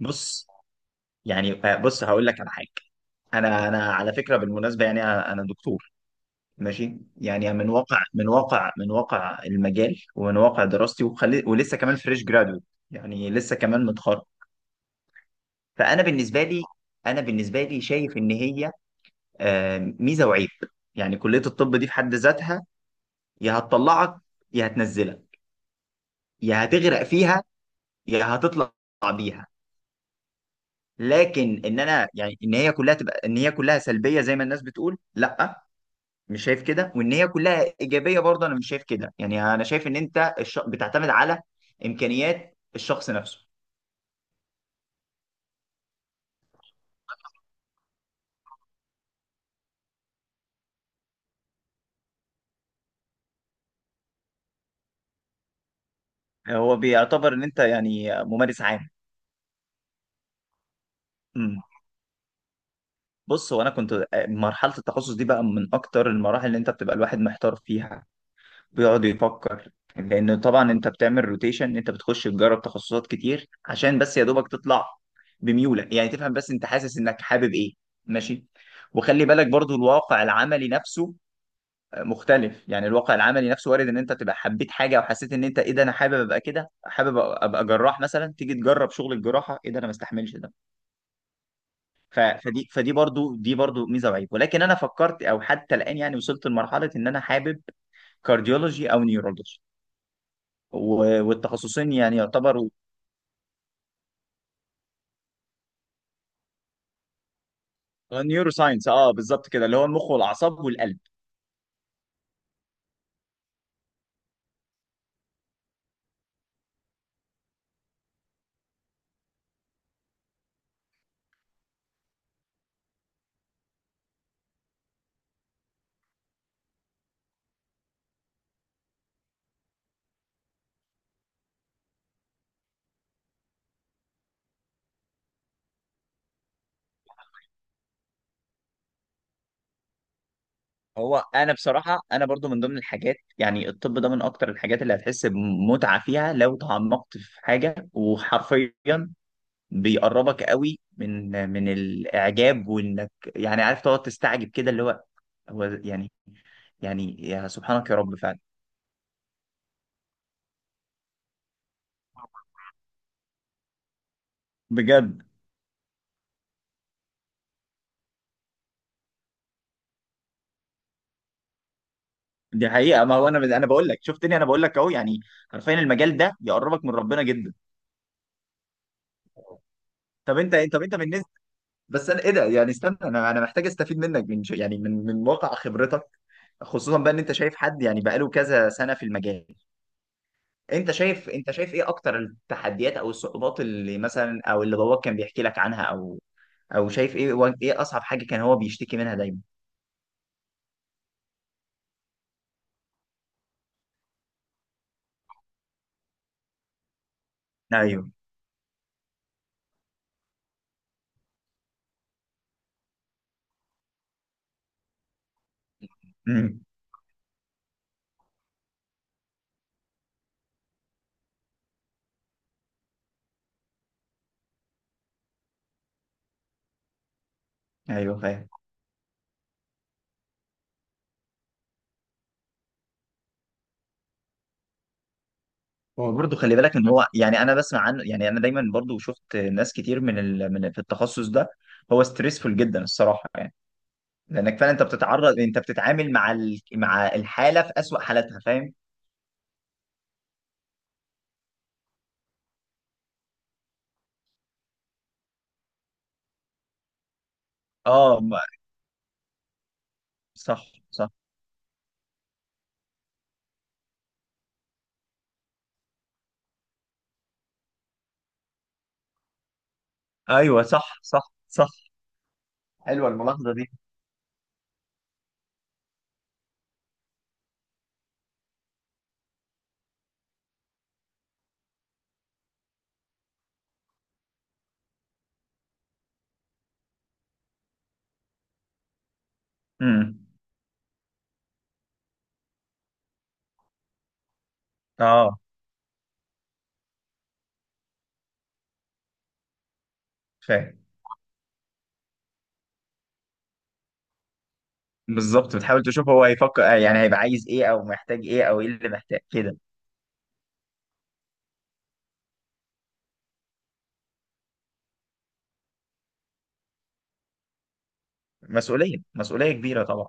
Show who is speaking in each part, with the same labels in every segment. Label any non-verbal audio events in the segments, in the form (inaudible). Speaker 1: بص، يعني بص هقول لك على حاجه. انا على فكره بالمناسبه، يعني أنا دكتور ماشي، يعني من واقع المجال ومن واقع دراستي وخلي، ولسه كمان فريش جرادويت. يعني لسه كمان متخرج. فانا بالنسبه لي، انا بالنسبه لي شايف ان هي ميزه وعيب. يعني كليه الطب دي في حد ذاتها يا هتطلعك يا هتنزلك، يا هتغرق فيها يا هتطلع بيها. لكن ان انا يعني ان هي كلها تبقى، ان هي كلها سلبيه زي ما الناس بتقول، لا، مش شايف كده. وان هي كلها ايجابيه برضه، انا مش شايف كده. يعني انا شايف ان انت بتعتمد على امكانيات الشخص نفسه. هو بيعتبر ان انت يعني ممارس عام. امم، بص، هو انا كنت مرحله التخصص دي بقى من اكتر المراحل اللي انت بتبقى الواحد محتار فيها، بيقعد يفكر. لان طبعا انت بتعمل روتيشن، انت بتخش تجرب تخصصات كتير عشان بس يا دوبك تطلع بميولك، يعني تفهم بس انت حاسس انك حابب ايه. ماشي. وخلي بالك برضو الواقع العملي نفسه مختلف. يعني الواقع العملي نفسه وارد ان انت تبقى حبيت حاجه وحسيت ان انت ايه ده، انا حابب ابقى كده، حابب ابقى جراح مثلا، تيجي تجرب شغل الجراحه، ايه ده، انا ما استحملش ده. فدي، فدي برضو، دي برضو ميزه وعيب. ولكن انا فكرت او حتى الان، يعني وصلت لمرحله ان انا حابب كارديولوجي او نيورولوجي. والتخصصين يعني يعتبروا نيورو ساينس، اه بالظبط كده، اللي هو المخ والاعصاب والقلب. هو انا بصراحه، انا برضو من ضمن الحاجات، يعني الطب ده من اكتر الحاجات اللي هتحس بمتعه فيها لو تعمقت في حاجه. وحرفيا بيقربك قوي من الاعجاب، وانك يعني عارف تقعد تستعجب كده، اللي هو يعني يا سبحانك يا رب فعلا. بجد، دي حقيقة. ما هو انا بقول لك، شفتني، انا بقول لك اهو. يعني حرفيا المجال ده بيقربك من ربنا جدا. طب انت بالنسبة، بس انا ايه ده، يعني استنى، انا محتاج استفيد منك من يعني من واقع خبرتك، خصوصا بقى ان انت شايف حد، يعني بقاله كذا سنة في المجال. انت شايف ايه اكتر التحديات او الصعوبات اللي مثلا، او اللي باباك كان بيحكي لك عنها، او او شايف ايه ايه اصعب حاجه كان هو بيشتكي منها دايما. ايوه. امم. ايوه فاهم. هو برضه خلي بالك ان هو يعني، انا بسمع عنه، يعني انا دايما برضه شفت ناس كتير من في التخصص ده، هو ستريسفول جدا الصراحه يعني. لانك فعلا انت بتتعرض، انت بتتعامل مع الحاله في اسوأ حالاتها. فاهم. اه، صح صح. ايوه صح صح صح. حلوه الملاحظه دي. امم. اه فاهم. بالظبط، بتحاول تشوف هو هيفكر، يعني هيبقى عايز ايه او محتاج ايه، او ايه اللي محتاج كده. مسؤوليه، مسؤوليه كبيره طبعا.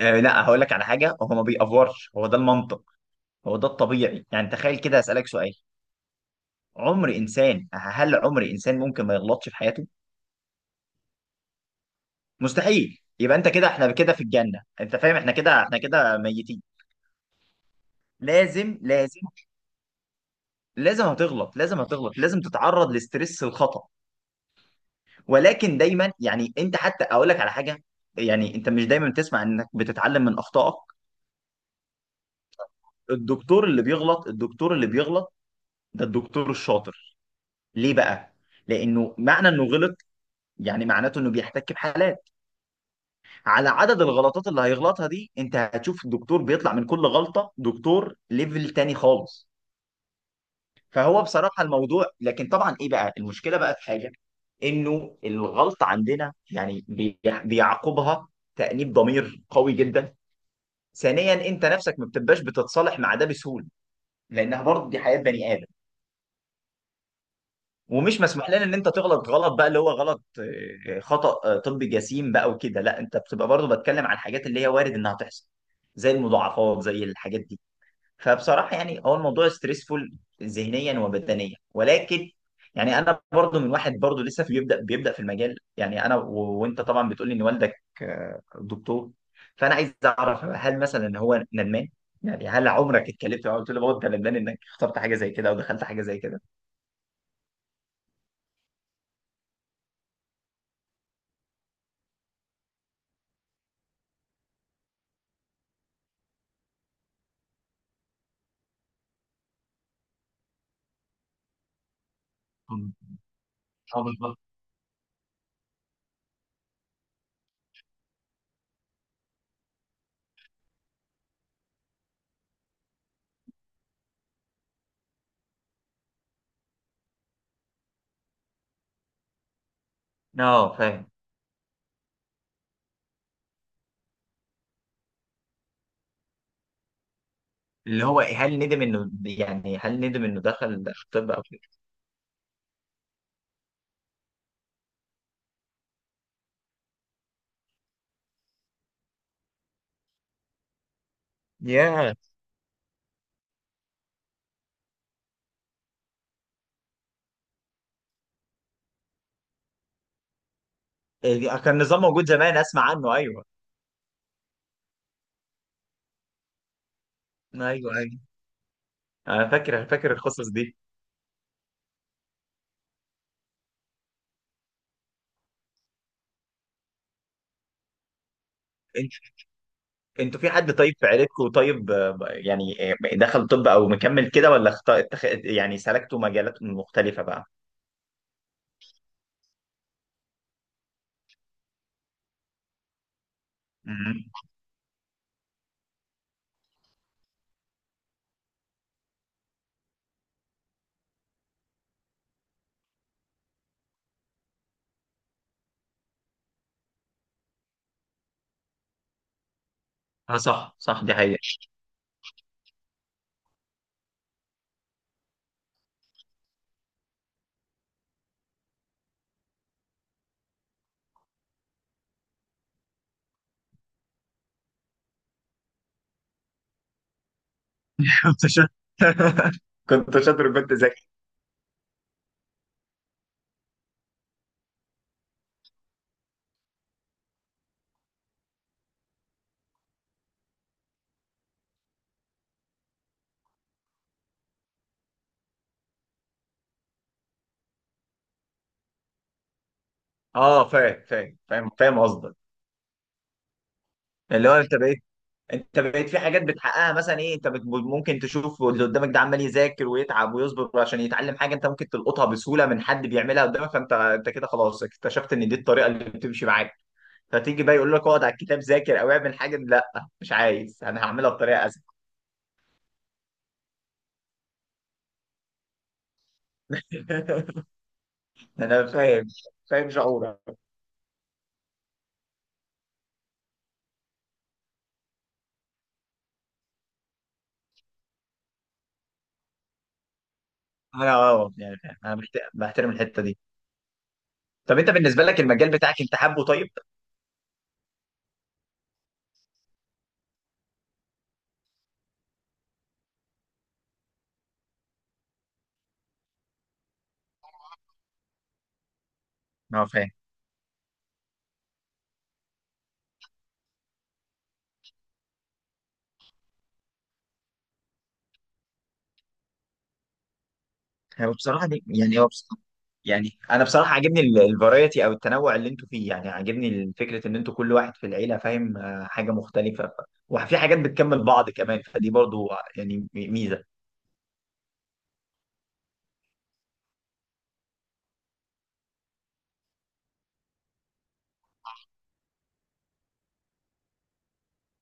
Speaker 1: آه لا، هقول لك على حاجه. هو ما بيأفورش، هو ده المنطق، هو ده الطبيعي. يعني تخيل كده، اسالك سؤال: عمر انسان هل عمر انسان ممكن ما يغلطش في حياته؟ مستحيل. يبقى انت كده احنا كده في الجنه، انت فاهم، احنا كده ميتين. لازم لازم، لازم هتغلط، لازم تتعرض لستريس الخطأ. ولكن دايما يعني انت، حتى اقول لك على حاجه، يعني انت مش دايما بتسمع انك بتتعلم من اخطائك؟ الدكتور اللي بيغلط، الدكتور اللي بيغلط ده الدكتور الشاطر. ليه بقى؟ لأنه معنى إنه غلط يعني معناته إنه بيحتك بحالات. على عدد الغلطات اللي هيغلطها دي أنت هتشوف الدكتور بيطلع من كل غلطة دكتور ليفل تاني خالص. فهو بصراحة الموضوع، لكن طبعا إيه بقى؟ المشكلة بقى في حاجة، إنه الغلطة عندنا يعني بيعقبها تأنيب ضمير قوي جدا. ثانيا، أنت نفسك ما بتبقاش بتتصالح مع ده بسهولة، لأنها برضه دي حياة بني آدم. ومش مسموح لنا ان انت تغلط، غلط بقى اللي هو غلط، خطأ طبي جسيم بقى وكده، لا، انت بتبقى برضو بتكلم عن الحاجات اللي هي وارد انها تحصل، زي المضاعفات، زي الحاجات دي. فبصراحة يعني هو الموضوع ستريسفول ذهنيا وبدنيا. ولكن يعني انا برضو من واحد برضو لسه في، بيبدأ في المجال، يعني انا وانت طبعا بتقولي ان والدك دكتور، فانا عايز اعرف هل مثلا ان هو ندمان. يعني هل عمرك اتكلمت معاه قلت له بابا انت ندمان انك اخترت حاجة زي كده او دخلت حاجة زي كده؟ اه فاهم. اللي هو هل ندم انه دخل طب او كده. ياه. إيه، كان نظام موجود زمان، اسمع عنه. ايوه. ايوه ايوه، انا فاكر القصص دي. انت انتوا في حد طيب في عيلتكم طيب يعني دخل طب او مكمل كده، ولا اخت...، اتخ...، يعني سلكتوا مجالات مختلفة بقى؟ امم. اه صح صح، دي حقيقة. (laughs) كنت شاطر. (laughs) كنت شاطر وكنت ذكي. اه فاهم فاهم فاهم فاهم قصدك. اللي هو انت بقيت في حاجات بتحققها. مثلا ايه، انت ممكن تشوف اللي قدامك ده عمال يذاكر ويتعب ويصبر عشان يتعلم حاجه، انت ممكن تلقطها بسهوله من حد بيعملها قدامك، فانت كده خلاص اكتشفت ان دي الطريقه اللي بتمشي معاك. فتيجي بقى يقول لك اقعد على الكتاب ذاكر او اعمل حاجه، لا، مش عايز، انا هعملها بطريقه اسهل. (laughs) انا فاهم. فاهم شعورك. انا اه يعني فاهم. انا بحترم الحته دي. طب انت بالنسبه لك المجال بتاعك انت حابه طيب؟ اه فاهم. هو بصراحه دي يعني هو، يعني انا بصراحه عاجبني الفرايتي او التنوع اللي انتوا فيه. يعني عاجبني فكره ان انتوا كل واحد في العيله فاهم حاجه مختلفه، وفي حاجات بتكمل بعض كمان، فدي برضو يعني ميزه.